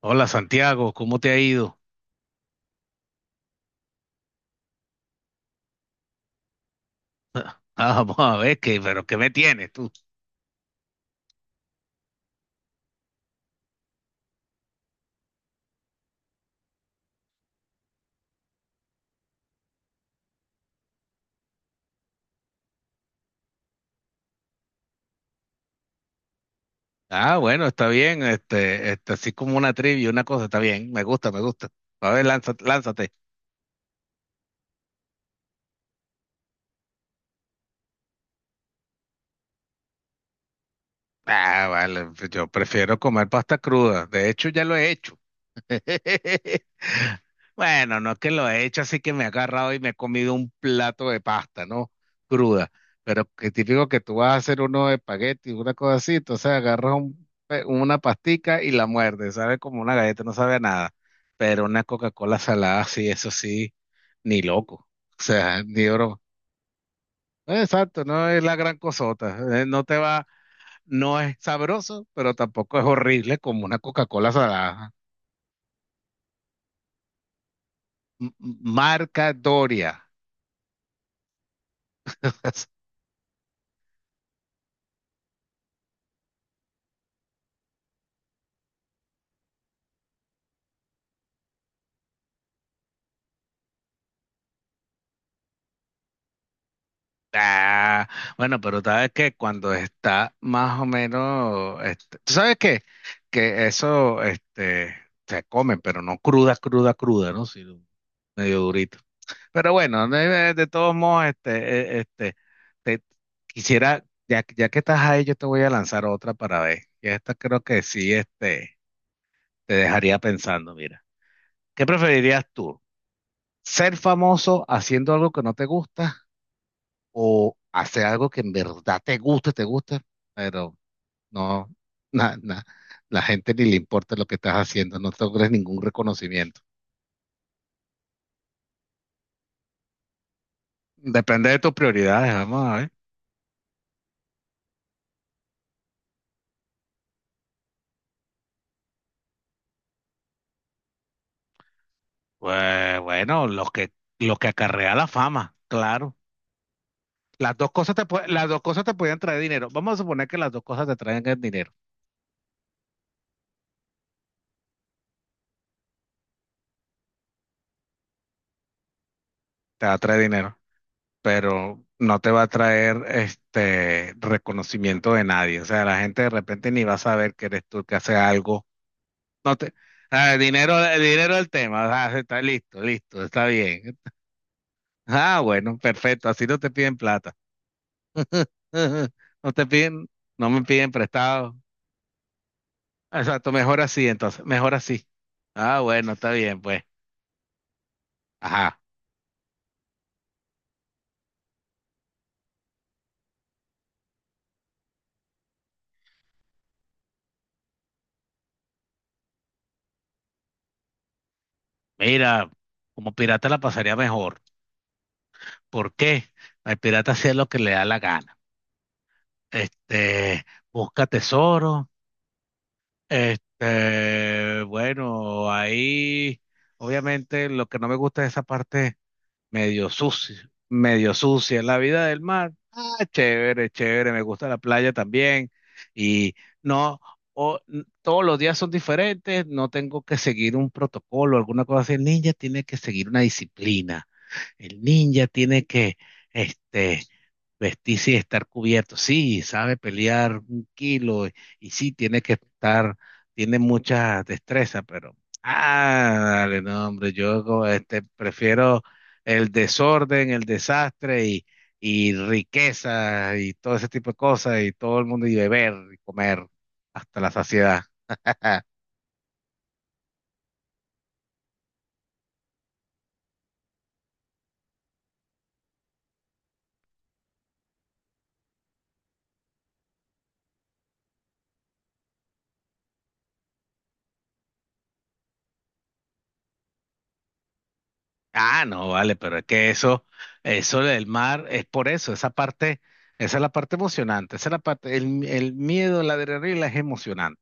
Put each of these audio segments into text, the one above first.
Hola Santiago, ¿cómo te ha ido? Ah, vamos a ver qué, pero ¿qué me tienes tú? Ah, bueno, está bien, así como una trivia, una cosa, está bien, me gusta. A ver, lánzate. Ah, vale, yo prefiero comer pasta cruda, de hecho ya lo he hecho. Bueno, no es que lo he hecho así, que me he agarrado y me he comido un plato de pasta, ¿no? Cruda. Pero que típico que tú vas a hacer uno de espagueti, una cosa así, entonces agarras una pastica y la muerdes, sabe como una galleta, no sabe a nada. Pero una Coca-Cola salada, sí, eso sí, ni loco. O sea, ni oro. Exacto, no es la gran cosota. No te va, no es sabroso, pero tampoco es horrible como una Coca-Cola salada. M- Marca Doria. Ah, bueno, pero sabes que cuando está más o menos, ¿tú sabes qué? Que eso, se comen, pero no cruda, ¿no? Sino medio durito. Pero bueno, de todos modos, te quisiera, ya, ya que estás ahí, yo te voy a lanzar otra para ver. Y esta creo que sí, te dejaría pensando, mira. ¿Qué preferirías tú? ¿Ser famoso haciendo algo que no te gusta, o hacer algo que en verdad te guste, pero no, na- na- la gente ni le importa lo que estás haciendo, no te logres ningún reconocimiento? Depende de tus prioridades, vamos a ver. Pues bueno, lo que acarrea la fama, claro. Las dos cosas te pueden traer dinero. Vamos a suponer que las dos cosas te traen el dinero. Te va a traer dinero, pero no te va a traer este reconocimiento de nadie. O sea, la gente de repente ni va a saber que eres tú el que hace algo. Ah, el dinero del tema. Ah, está listo, está bien. Ah, bueno, perfecto. Así no te piden plata. No te piden, no me piden prestado. Exacto, mejor así entonces, mejor así. Ah, bueno, está bien, pues. Ajá. Mira, como pirata la pasaría mejor. ¿Por qué? El pirata hacía lo que le da la gana. Este, busca tesoro. Bueno, ahí, obviamente, lo que no me gusta es esa parte medio sucio, medio sucia la vida del mar. Ah, chévere, me gusta la playa también. Y no, todos los días son diferentes, no tengo que seguir un protocolo, alguna cosa así. El ninja tiene que seguir una disciplina. El ninja tiene que, este, vestirse y estar cubierto. Sí, sabe pelear un kilo y sí, tiene que estar, tiene mucha destreza, pero, ah, dale, no, hombre, yo como, prefiero el desorden, el desastre y riqueza y todo ese tipo de cosas y todo el mundo y beber y comer hasta la saciedad. Ah, no, vale, pero es que eso del mar es por eso, esa es la parte emocionante, esa es el miedo, la adrenalina es emocionante.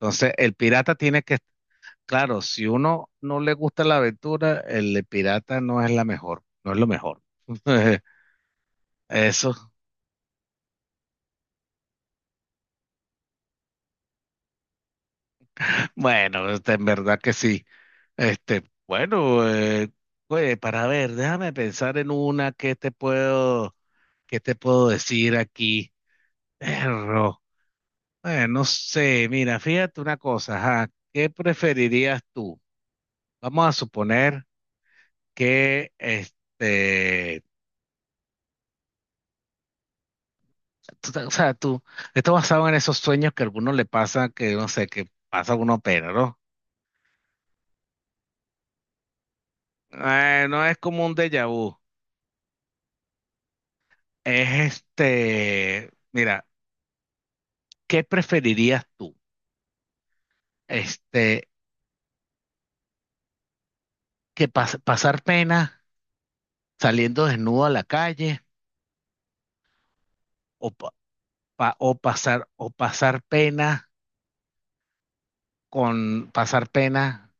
Entonces, el pirata tiene que, claro, si uno no le gusta la aventura, el pirata no es la mejor, no es lo mejor. Eso, bueno, en verdad que sí. Este, bueno, eh, oye, para ver, déjame pensar en una que que te puedo decir aquí. Perro. No sé, mira, fíjate una cosa, ajá, ¿qué preferirías tú? Vamos a suponer que, o sea, tú, esto basado en esos sueños que a alguno le pasa, que no sé, que pasa uno pena, ¿no? No es como un déjà vu, es mira, ¿qué preferirías tú? Este, pasar pena saliendo desnudo a la calle, o, pa- pa- o pasar pena con pasar pena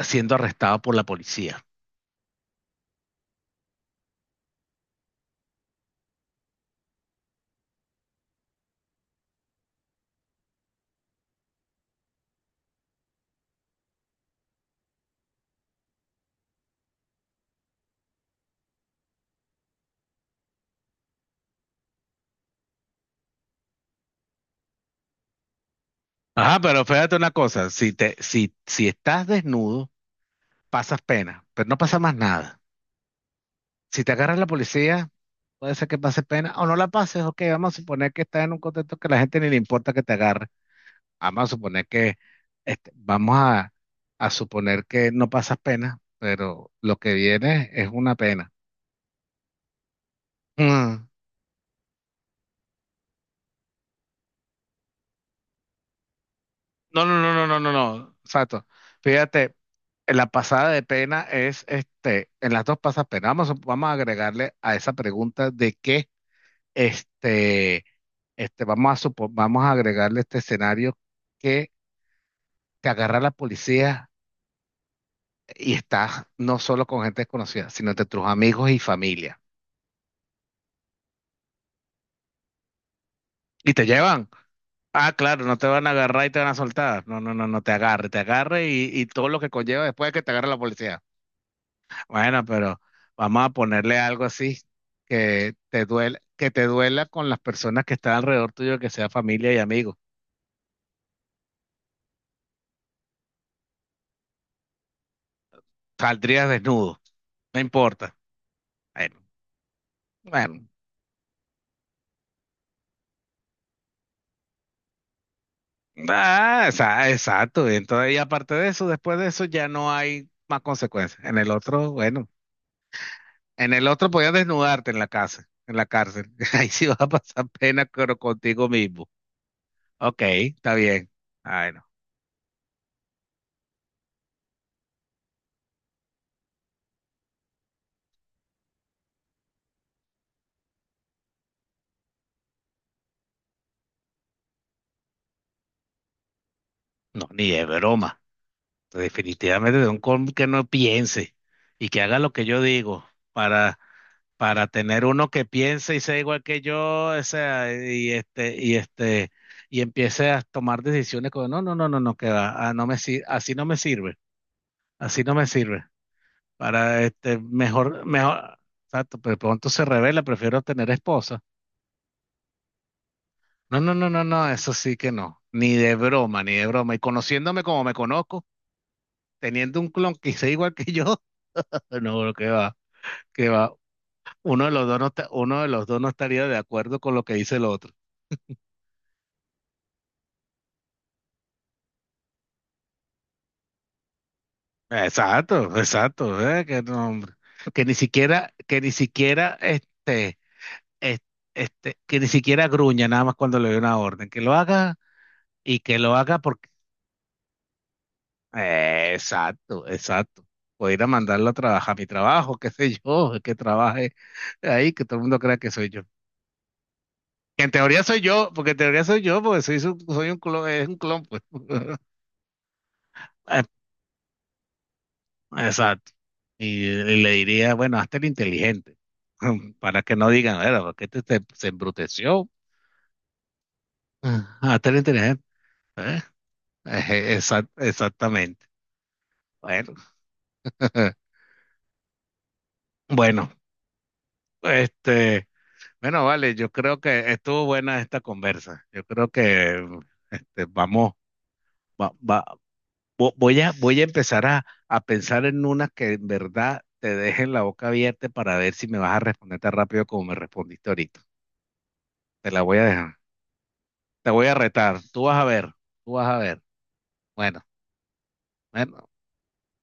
siendo arrestado por la policía. Ajá, pero fíjate una cosa, si te, si, si estás desnudo, pasas pena, pero no pasa más nada. Si te agarra la policía, puede ser que pases pena o no la pases, ok, vamos a suponer que estás en un contexto que a la gente ni le importa que te agarre. Vamos a suponer que, este, vamos a, a suponer que no pasas pena, pero lo que viene es una pena. Mm. No, no, no, no, no, no, no, exacto. Fíjate, la pasada de pena es, en las dos pasapenas, vamos, vamos a agregarle a esa pregunta de que, este, vamos a agregarle este escenario que te agarra la policía y estás no solo con gente desconocida, sino entre tus amigos y familia. Y te llevan. Ah, claro, no te van a agarrar y te van a soltar. No, no, no, te agarre y todo lo que conlleva después de que te agarre la policía. Bueno, pero vamos a ponerle algo así que te duela con las personas que están alrededor tuyo, que sea familia y amigos. Saldrías desnudo, no importa. Bueno, bueno. Ah, exacto. Y entonces, y aparte de eso, después de eso ya no hay más consecuencias. En el otro, bueno, en el otro podías desnudarte en la casa, en la cárcel. Ahí sí vas a pasar pena, pero contigo mismo. Ok, está bien. Ay, no, no, ni de broma. Definitivamente de un con que no piense y que haga lo que yo digo, para, para tener uno que piense y sea igual que yo, o sea, y empiece a tomar decisiones como, no, no, no, no, no, que va, ah, así no me sirve, así no me sirve. Para exacto, pero pronto se revela, prefiero tener esposa. No, no, no, no, no, eso sí que no, ni de broma. Y conociéndome como me conozco, teniendo un clon que sea igual que yo, no, lo que va. Que va, uno de los dos no estaría de acuerdo con lo que dice el otro. Exacto, que no, hombre. Que ni siquiera es- que ni siquiera gruña nada más cuando le doy una orden, que lo haga y que lo haga porque, exacto. Voy a ir a mandarlo a trabajar, a mi trabajo, qué sé yo, que trabaje ahí, que todo el mundo crea que soy yo. Que en teoría soy yo, porque en teoría soy yo, porque soy un clon, es un clon, pues. Exacto. Y le diría, bueno, hazte el inteligente, para que no digan, era, porque se embruteció. Ah, hazte el inteligente. ¿Eh? Eje, exactamente. Bueno, bueno, este, bueno, vale, yo creo que estuvo buena esta conversa. Yo creo que vamos, va- va- voy a, voy a empezar a pensar en unas que en verdad te dejen la boca abierta para ver si me vas a responder tan rápido como me respondiste ahorita. Te la voy a dejar. Te voy a retar. Tú vas a ver. Bueno, bueno,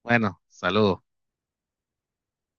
bueno. Saludos.